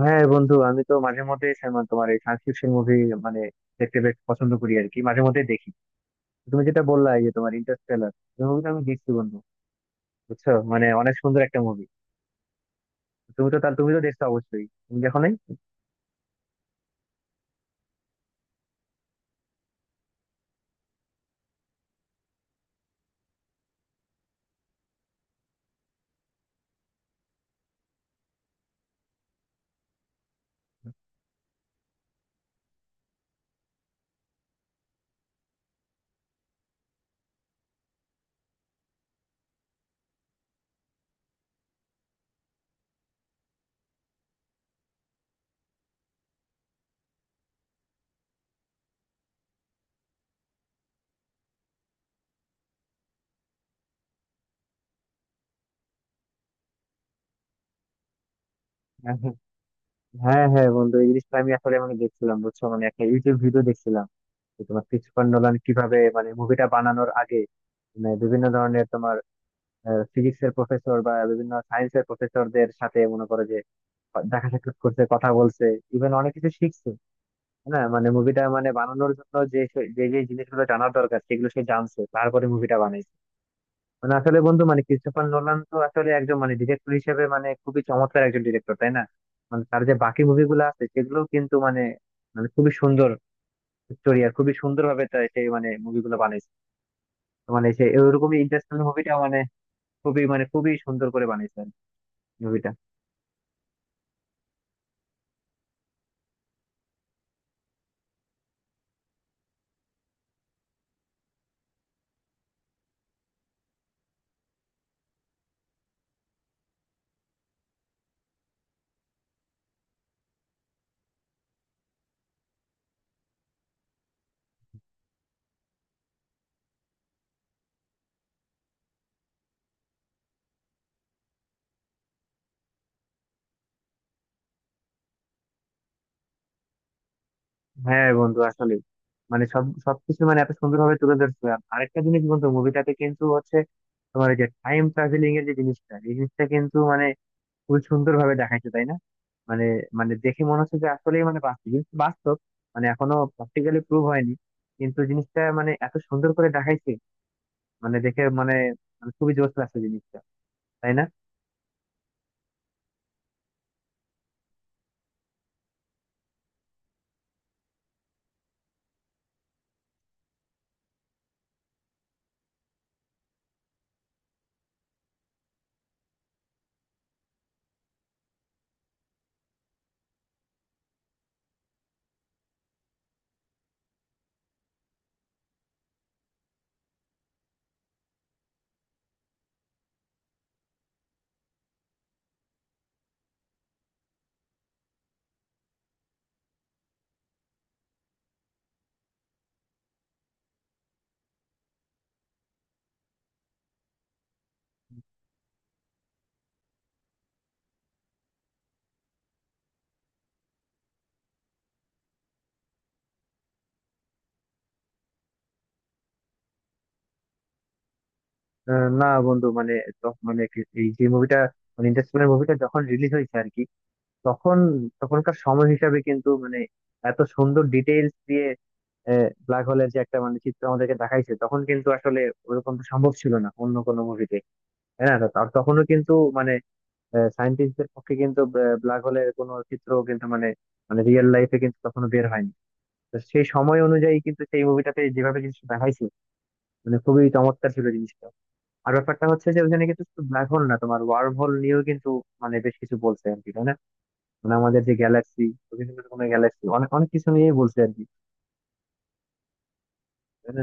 হ্যাঁ বন্ধু, আমি তো মাঝে মধ্যে তোমার এই সায়েন্স ফিকশন মুভি মানে দেখতে বেশ পছন্দ করি আর কি, মাঝে মধ্যে দেখি। তুমি যেটা বললা, এই যে তোমার ইন্টারস্টেলার, এই মুভিটা আমি দেখছি বন্ধু। বুঝছো, মানে অনেক সুন্দর একটা মুভি। তুমি তো তাহলে তুমি তো দেখছো, অবশ্যই। তুমি দেখো নাই? হ্যাঁ হ্যাঁ বন্ধু, এই জিনিসটা আমি আসলে মানে দেখছিলাম। বুঝছো, মানে একটা ইউটিউব ভিডিও দেখছিলাম যে তোমার ক্রিস্টোফার নোলান কিভাবে মানে মুভিটা বানানোর আগে মানে বিভিন্ন ধরনের তোমার ফিজিক্স এর প্রফেসর বা বিভিন্ন সায়েন্স এর প্রফেসরদের সাথে মনে করো যে দেখা সাক্ষাৎ করছে, কথা বলছে, ইভেন অনেক কিছু শিখছে। হ্যাঁ, মানে মুভিটা মানে বানানোর জন্য যে যে জিনিসগুলো জানার দরকার সেগুলো সে জানছে, তারপরে মুভিটা বানাইছে। মানে আসলে বন্ধু, মানে ক্রিস্টোফার নোলান তো আসলে একজন মানে ডিরেক্টর হিসেবে মানে খুবই চমৎকার একজন ডিরেক্টর, তাই না? মানে তার যে বাকি মুভিগুলো আছে সেগুলো কিন্তু মানে, মানে খুবই সুন্দর স্টোরি আর খুবই সুন্দর ভাবে সে মানে মুভিগুলো বানাইছে। তো মানে সে এরকমই ইন্টারেস্টিং মুভিটা মানে খুবই মানে খুবই সুন্দর করে বানাইছে মুভিটা। হ্যাঁ বন্ধু আসলে মানে সবকিছু মানে এত সুন্দরভাবে তুলে ধরছে। আর আরেকটা জিনিস বন্ধু, মুভিটাতে কিন্তু হচ্ছে তোমার ওই যে টাইম ট্রাভেলিং এর যে জিনিসটা, এই জিনিসটা কিন্তু মানে খুব সুন্দরভাবে দেখাইছে, তাই না? মানে, মানে দেখে মনে হচ্ছে যে আসলেই মানে বাস্তব জিনিসটা, বাস্তব মানে এখনো প্র্যাকটিক্যালি প্রুভ হয়নি, কিন্তু জিনিসটা মানে এত সুন্দর করে দেখাইছে, মানে দেখে মানে, মানে খুবই জোশ লাগছে জিনিসটা, তাই না? না বন্ধু মানে এই যে মুভিটা, মানে ইন্টারস্টেলার মুভিটা যখন রিলিজ হয়েছে আর কি, তখন তখনকার সময় হিসাবে কিন্তু মানে এত সুন্দর ডিটেইলস দিয়ে ব্ল্যাক হোলের যে একটা মানে চিত্র আমাদেরকে দেখাইছে, তখন কিন্তু আসলে ওরকম তো সম্ভব ছিল না অন্য কোনো মুভিতে। হ্যাঁ, তো তার তখনও কিন্তু মানে সায়েন্টিস্টদের পক্ষে কিন্তু ব্ল্যাক হোলের কোনো চিত্র কিন্তু মানে, মানে রিয়েল লাইফে কিন্তু তখনো বের হয়নি। তো সেই সময় অনুযায়ী কিন্তু সেই মুভিটাতে যেভাবে জিনিসটা দেখাইছে, মানে খুবই চমৎকার ছিল জিনিসটা। আর ব্যাপারটা হচ্ছে যে ওখানে কিন্তু শুধু ব্ল্যাক হোল না, তোমার ওয়ার্ম হোল নিয়েও কিন্তু মানে বেশ কিছু বলছে আর কি, তাই না? মানে আমাদের যে গ্যালাক্সি, বিভিন্ন রকমের গ্যালাক্সি, অনেক অনেক কিছু নিয়েই বলছে আর কি। তাই না?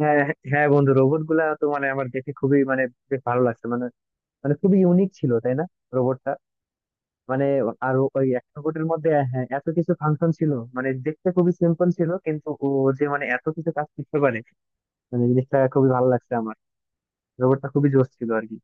হ্যাঁ হ্যাঁ বন্ধু, রোবট গুলা তো মানে আমার দেখে খুবই মানে বেশ ভালো লাগছে। মানে, মানে খুবই ইউনিক ছিল, তাই না রোবটটা? মানে, আর ওই এক রোবটের মধ্যে হ্যাঁ এত কিছু ফাংশন ছিল, মানে দেখতে খুবই সিম্পল ছিল কিন্তু ও যে মানে এত কিছু কাজ করতে পারে, মানে জিনিসটা খুবই ভালো লাগছে আমার। রোবটটা খুবই জোশ ছিল আর কি।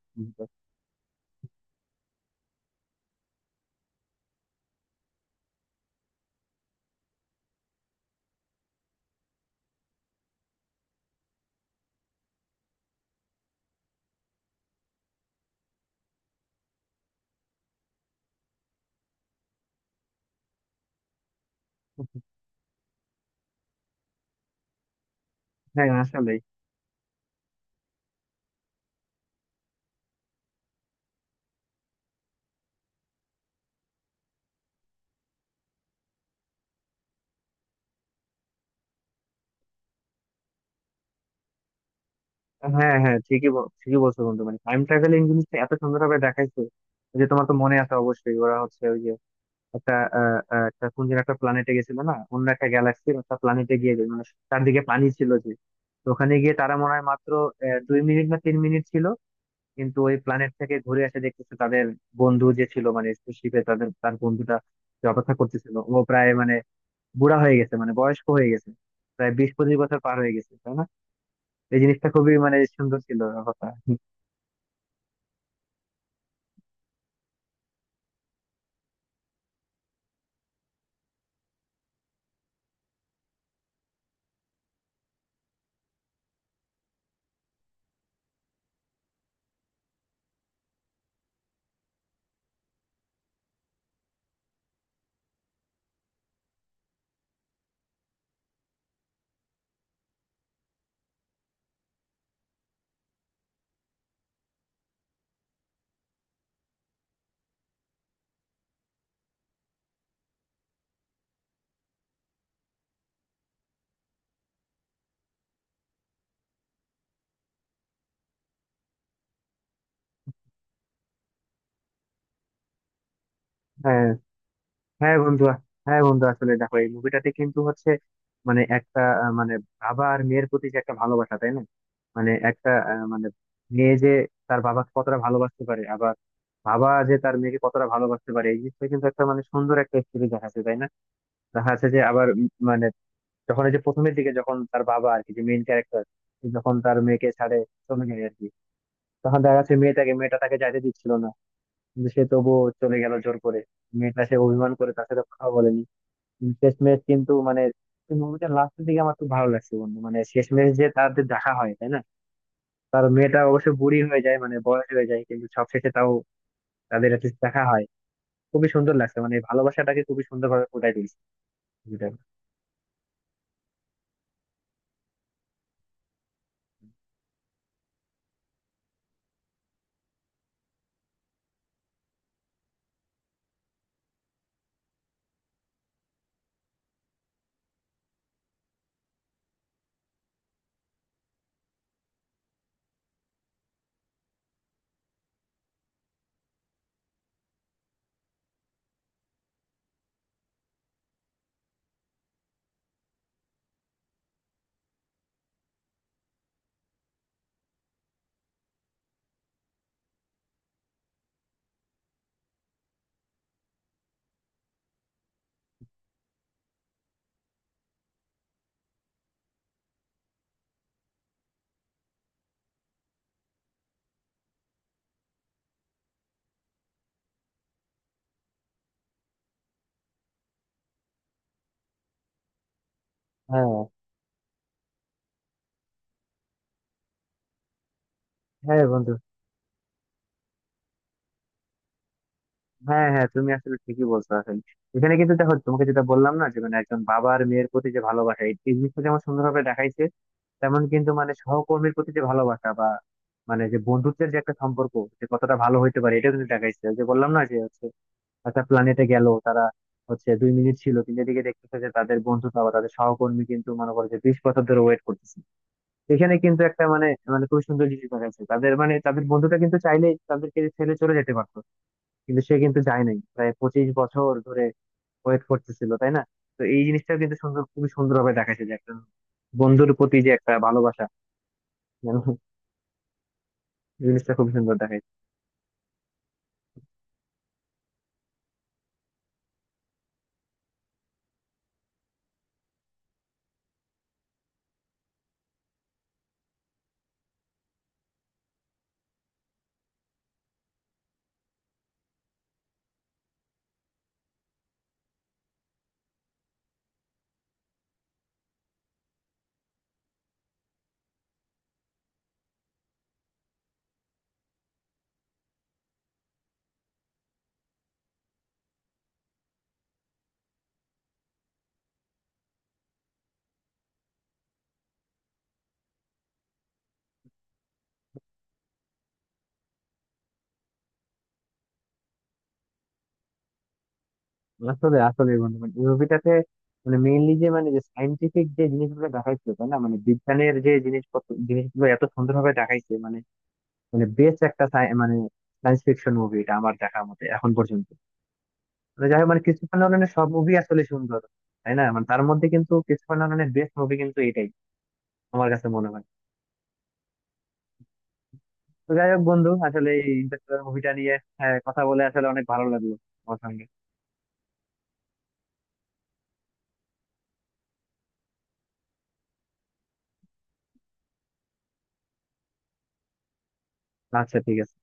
হ্যাঁ আসলে, হ্যাঁ হ্যাঁ ঠিকই বলছো বন্ধু, মানে টাইম ট্রাভেলিং জিনিসটা এত সুন্দরভাবে দেখাইছে যে, তোমার তো মনে আছে অবশ্যই, ওরা হচ্ছে ওই যে একটা আহ, আহ, একটা কোন যেন একটা প্ল্যানেটে গেছিল না, অন্য একটা গ্যালাক্সির একটা প্ল্যানেটে গিয়ে যে মানে চারদিকে পানি ছিল যে। তো ওখানে গিয়ে তারা মনে হয় মাত্র 2 মিনিট, না 3 মিনিট ছিল। কিন্তু ওই প্ল্যানেট থেকে ঘুরে এসে দেখতেছে তাদের বন্ধু যে ছিল মানে স্পেসশিপে তাদের, তার বন্ধুটা যে অপেক্ষা করতেছিল, ও প্রায় মানে বুড়া হয়ে গেছে, মানে বয়স্ক হয়ে গেছে, প্রায় 20-25 বছর পার হয়ে গেছে, তাই না? এই জিনিসটা খুবই মানে সুন্দর ছিল ব্যাপারটা। হ্যাঁ হ্যাঁ বন্ধু, হ্যাঁ বন্ধু আসলে দেখো, এই মুভিটাতে কিন্তু হচ্ছে মানে একটা মানে বাবা আর মেয়ের প্রতি যে একটা ভালোবাসা, তাই না? মানে একটা মানে মেয়ে যে তার বাবাকে কতটা ভালোবাসতে পারে, আবার বাবা যে তার মেয়েকে কতটা ভালোবাসতে পারে, এই জিনিসটা কিন্তু একটা মানে সুন্দর একটা স্টোরি দেখাচ্ছে, তাই না? দেখা যাচ্ছে যে আবার মানে যখন এই যে প্রথমের দিকে যখন তার বাবা আর কি, যে মেইন ক্যারেক্টার, যখন তার মেয়েকে ছাড়ে চলে যায় আর কি, তখন দেখা যাচ্ছে মেয়েটাকে, মেয়েটা তাকে যাইতে দিচ্ছিল না, কিন্তু সে তবুও চলে গেল জোর করে। মেয়েটা সে অভিমান করে তার সাথে কথা বলেনি। শেষমেশ কিন্তু মানে মুভিটা লাস্টের দিকে আমার খুব ভালো লাগছে বন্ধু, মানে শেষমেশ যে তাদের দেখা হয়, তাই না? তার মেয়েটা অবশ্য বুড়ি হয়ে যায়, মানে বয়স হয়ে যায়, কিন্তু সবশেষে তাও তাদের একটা দেখা হয়। খুবই সুন্দর লাগছে, মানে এই ভালোবাসাটাকে খুবই সুন্দর ভাবে ফুটাই তুলছে মুভিটা। হ্যাঁ হ্যাঁ বন্ধু, হ্যাঁ হ্যাঁ তুমি আসলে ঠিকই বলছো। আসলে এখানে কিন্তু দেখো, তোমাকে যেটা বললাম না, যে মানে একজন বাবার মেয়ের প্রতি যে ভালোবাসা, এই এই জিনিসটা যেমন সুন্দরভাবে দেখাইছে, তেমন কিন্তু মানে সহকর্মীর প্রতি যে ভালোবাসা বা মানে যে বন্ধুত্বের যে একটা সম্পর্ক যে কতটা ভালো হইতে পারে, এটা কিন্তু দেখাইছে। ওই যে বললাম না যে হচ্ছে একটা প্ল্যানেটে গেল তারা, হচ্ছে দুই মিনিট ছিল, কিন্তু এদিকে দেখতেছে যে তাদের বন্ধু বা তাদের সহকর্মী কিন্তু মনে করে যে 20 বছর ধরে ওয়েট করতেছে। এখানে কিন্তু একটা মানে, মানে খুব সুন্দর জিনিস দেখাচ্ছে, তাদের মানে তাদের বন্ধুটা কিন্তু চাইলেই তাদেরকে ছেড়ে চলে যেতে পারতো, কিন্তু সে কিন্তু যায় নাই, প্রায় 25 বছর ধরে ওয়েট করতেছিল, তাই না? তো এই জিনিসটা কিন্তু সুন্দর, খুবই সুন্দর ভাবে দেখাচ্ছে যে একটা বন্ধুর প্রতি যে একটা ভালোবাসা, জিনিসটা খুব সুন্দর দেখাইছে। আসলে, আসলে বন্ধু মানে এই মুভিটাতে মানে মেইনলি যে মানে যে সাইন্টিফিক যে জিনিসগুলো দেখাইছে, তাই না, মানে বিজ্ঞানের যে জিনিসপত্র, জিনিসগুলো এত সুন্দরভাবে দেখাইছে, মানে, মানে বেস্ট একটা মানে সায়েন্স ফিকশন মুভি এটা আমার দেখার মতে এখন পর্যন্ত। মানে যাই হোক, মানে ক্রিস্টোফার নোলানের সব মুভি আসলে সুন্দর, তাই না? মানে তার মধ্যে কিন্তু ক্রিস্টোফার নোলানের বেস্ট মুভি কিন্তু এটাই আমার কাছে মনে হয়। তো যাই হোক বন্ধু, আসলে এই ইন্টারস্টেলার মুভিটা নিয়ে হ্যাঁ, কথা বলে আসলে অনেক ভালো লাগলো আমার সঙ্গে। আচ্ছা, ঠিক আছে।